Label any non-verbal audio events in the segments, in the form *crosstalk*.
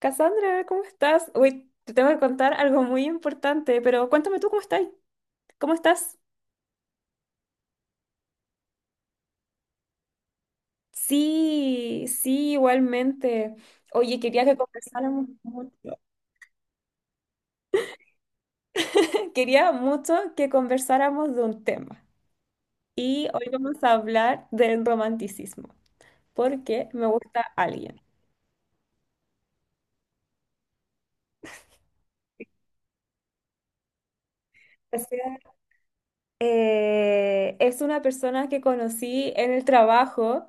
Cassandra, ¿cómo estás? Uy, te tengo que contar algo muy importante, pero cuéntame tú cómo estás. ¿Cómo estás? Sí, sí, igualmente. Oye, quería que conversáramos mucho. *laughs* Quería mucho que conversáramos de un tema. Y hoy vamos a hablar del romanticismo, porque me gusta alguien. O sea, es una persona que conocí en el trabajo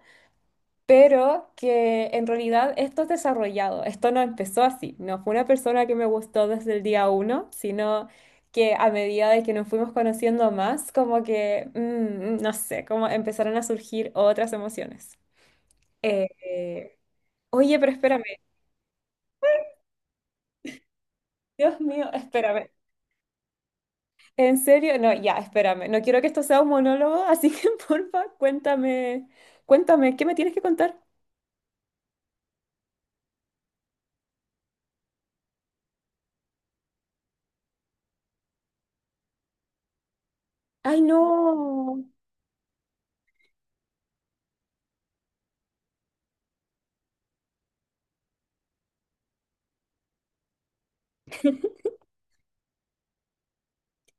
pero que en realidad esto es desarrollado, esto no empezó así, no fue una persona que me gustó desde el día uno, sino que a medida de que nos fuimos conociendo más, como que, no sé, como empezaron a surgir otras emociones. Eh, eh, Oye, pero espérame, Dios mío, espérame. ¿En serio? No, ya, espérame. No quiero que esto sea un monólogo, así que *laughs* porfa, cuéntame, cuéntame, ¿qué me tienes que contar? Ay, no.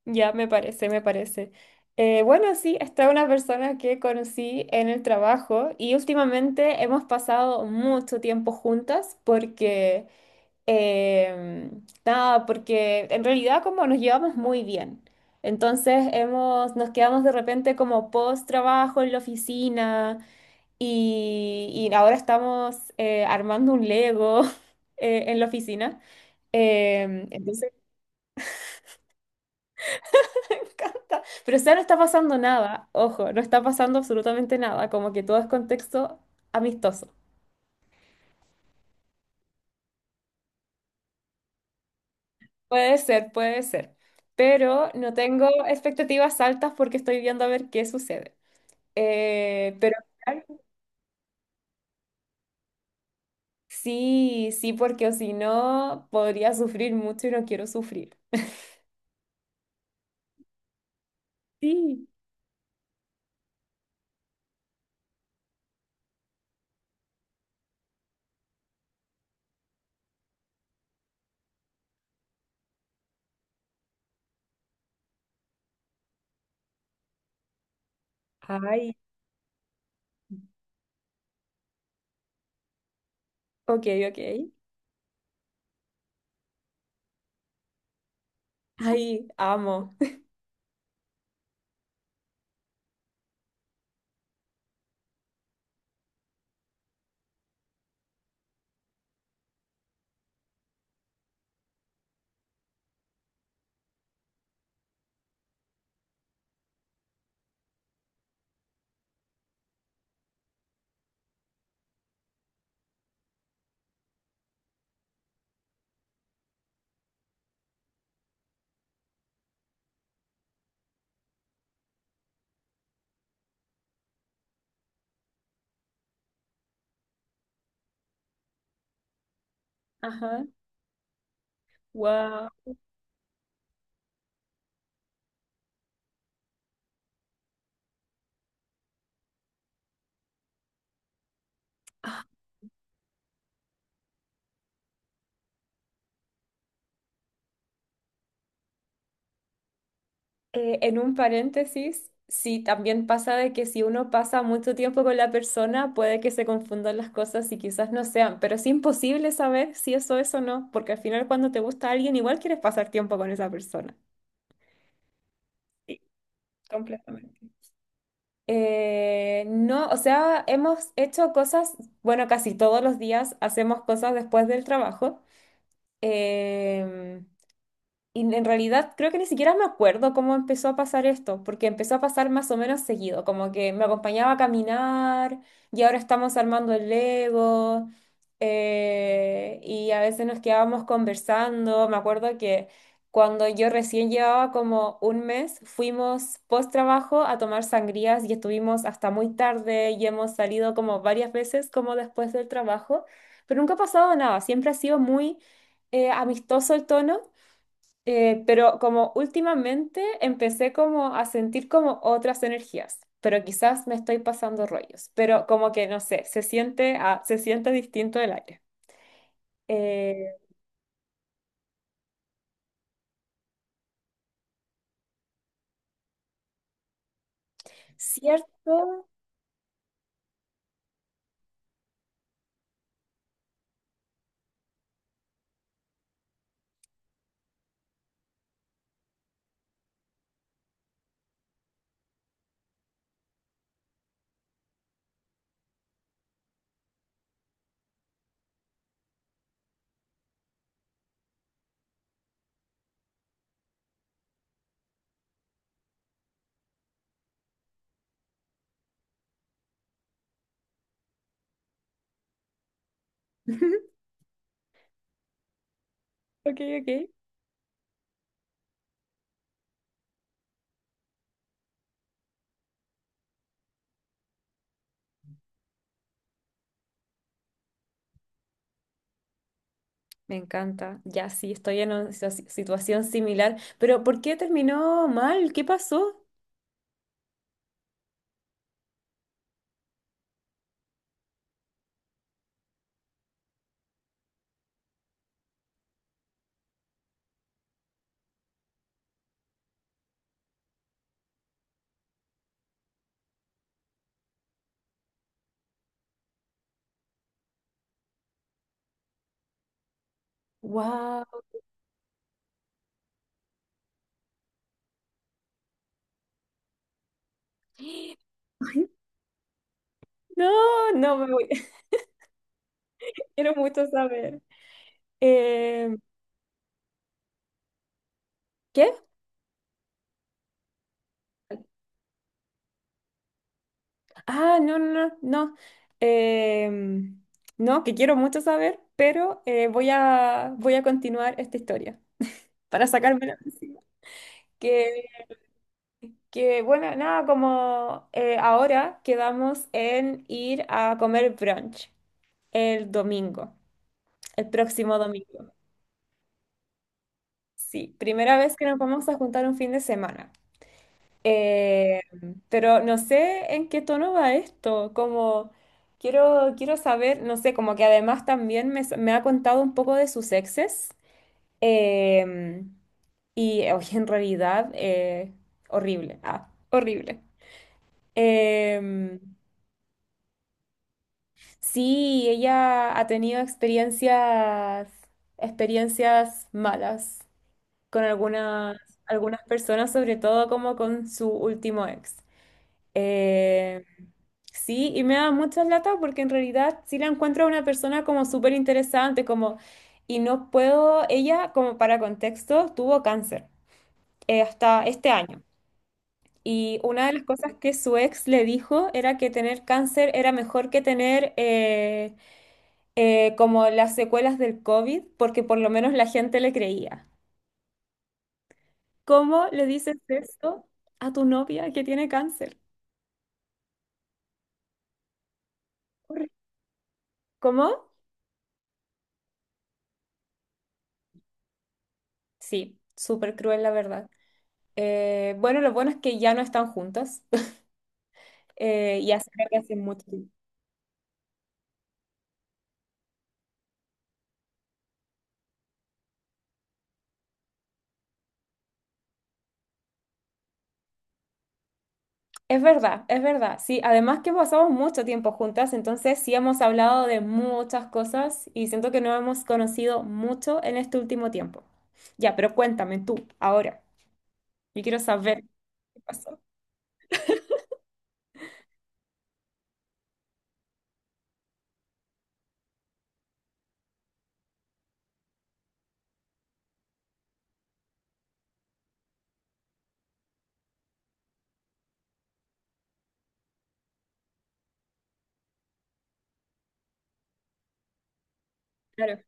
Ya, me parece, me parece. Bueno, sí, esta es una persona que conocí en el trabajo y últimamente hemos pasado mucho tiempo juntas porque, eh, nada, porque en realidad como nos llevamos muy bien. Entonces nos quedamos de repente como post trabajo en la oficina y ahora estamos armando un Lego *laughs* en la oficina. Entonces encanta. Pero o sea, no está pasando nada, ojo, no está pasando absolutamente nada, como que todo es contexto amistoso. Puede ser, pero no tengo expectativas altas porque estoy viendo a ver qué sucede. Pero sí, sí, porque o si no, podría sufrir mucho y no quiero sufrir. Sí. Ay, ok, ok. Ay, amo. *laughs* Ajá, wow. En un paréntesis, sí, también pasa de que si uno pasa mucho tiempo con la persona, puede que se confundan las cosas y quizás no sean, pero es imposible saber si eso es o no, porque al final cuando te gusta alguien, igual quieres pasar tiempo con esa persona. Sí, completamente. No, o sea, hemos hecho cosas, bueno, casi todos los días hacemos cosas después del trabajo. Em, Y en realidad creo que ni siquiera me acuerdo cómo empezó a pasar esto, porque empezó a pasar más o menos seguido, como que me acompañaba a caminar y ahora estamos armando el Lego y a veces nos quedábamos conversando. Me acuerdo que cuando yo recién llevaba como un mes, fuimos post trabajo a tomar sangrías y estuvimos hasta muy tarde y hemos salido como varias veces como después del trabajo, pero nunca ha pasado nada, siempre ha sido muy amistoso el tono. Pero como últimamente empecé como a sentir como otras energías, pero quizás me estoy pasando rollos, pero como que no sé, se siente, se siente distinto el aire. Eh, ¿Cierto? *laughs* Ok, ok. Me encanta. Ya sí, estoy en una situación similar, pero ¿por qué terminó mal? ¿Qué pasó? Wow. *gasps* No, no me voy. *laughs* Quiero mucho saber. Eh, ¿Qué? Ah, no, no, no, no. Em, no, que quiero mucho saber, pero voy a continuar esta historia para sacármela de encima. Que, bueno, nada, como ahora quedamos en ir a comer brunch el domingo, el próximo domingo. Sí, primera vez que nos vamos a juntar un fin de semana. Eh, pero no sé en qué tono va esto, como quiero saber, no sé, como que además también me ha contado un poco de sus exes em, y oye, en realidad horrible, horrible. Em, sí, ella ha tenido experiencias malas con algunas personas, sobre todo como con su último ex. Eh, sí, y me da muchas latas porque en realidad sí la encuentro a una persona como súper interesante, como, y no puedo, ella, como para contexto, tuvo cáncer hasta este año. Y una de las cosas que su ex le dijo era que tener cáncer era mejor que tener como las secuelas del COVID, porque por lo menos la gente le creía. ¿Cómo le dices eso a tu novia que tiene cáncer? Horri- ¿Cómo? Sí, súper cruel la verdad. Bueno, lo bueno es que ya no están juntas *laughs* y hace, creo que hace mucho tiempo. Es verdad, es verdad. Sí, además que pasamos mucho tiempo juntas, entonces sí hemos hablado de muchas cosas y siento que nos hemos conocido mucho en este último tiempo. Ya, pero cuéntame tú, ahora. Yo quiero saber qué pasó. Claro.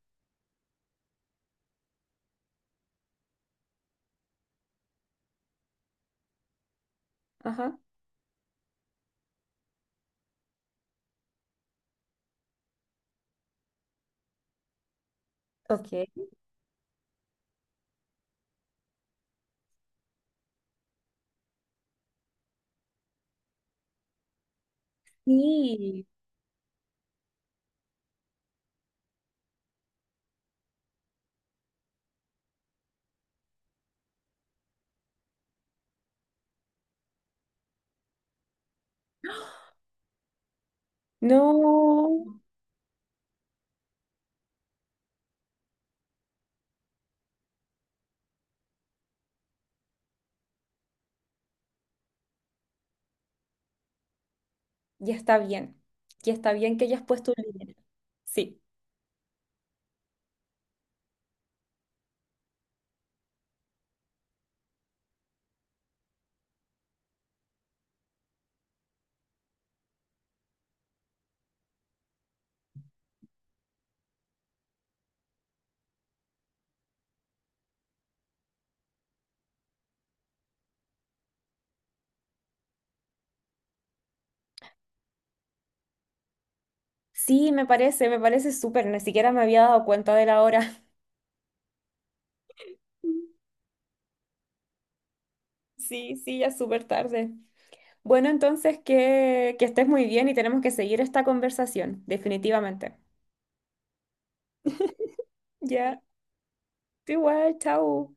Ajá. Ok. Sí. No. Ya está bien. Ya está bien que hayas puesto un límite. Sí. Sí, me parece súper. Ni siquiera me había dado cuenta de la hora. Sí, sí, ya es súper tarde. Bueno, entonces que estés muy bien y tenemos que seguir esta conversación, definitivamente. Ya, tú igual, chao.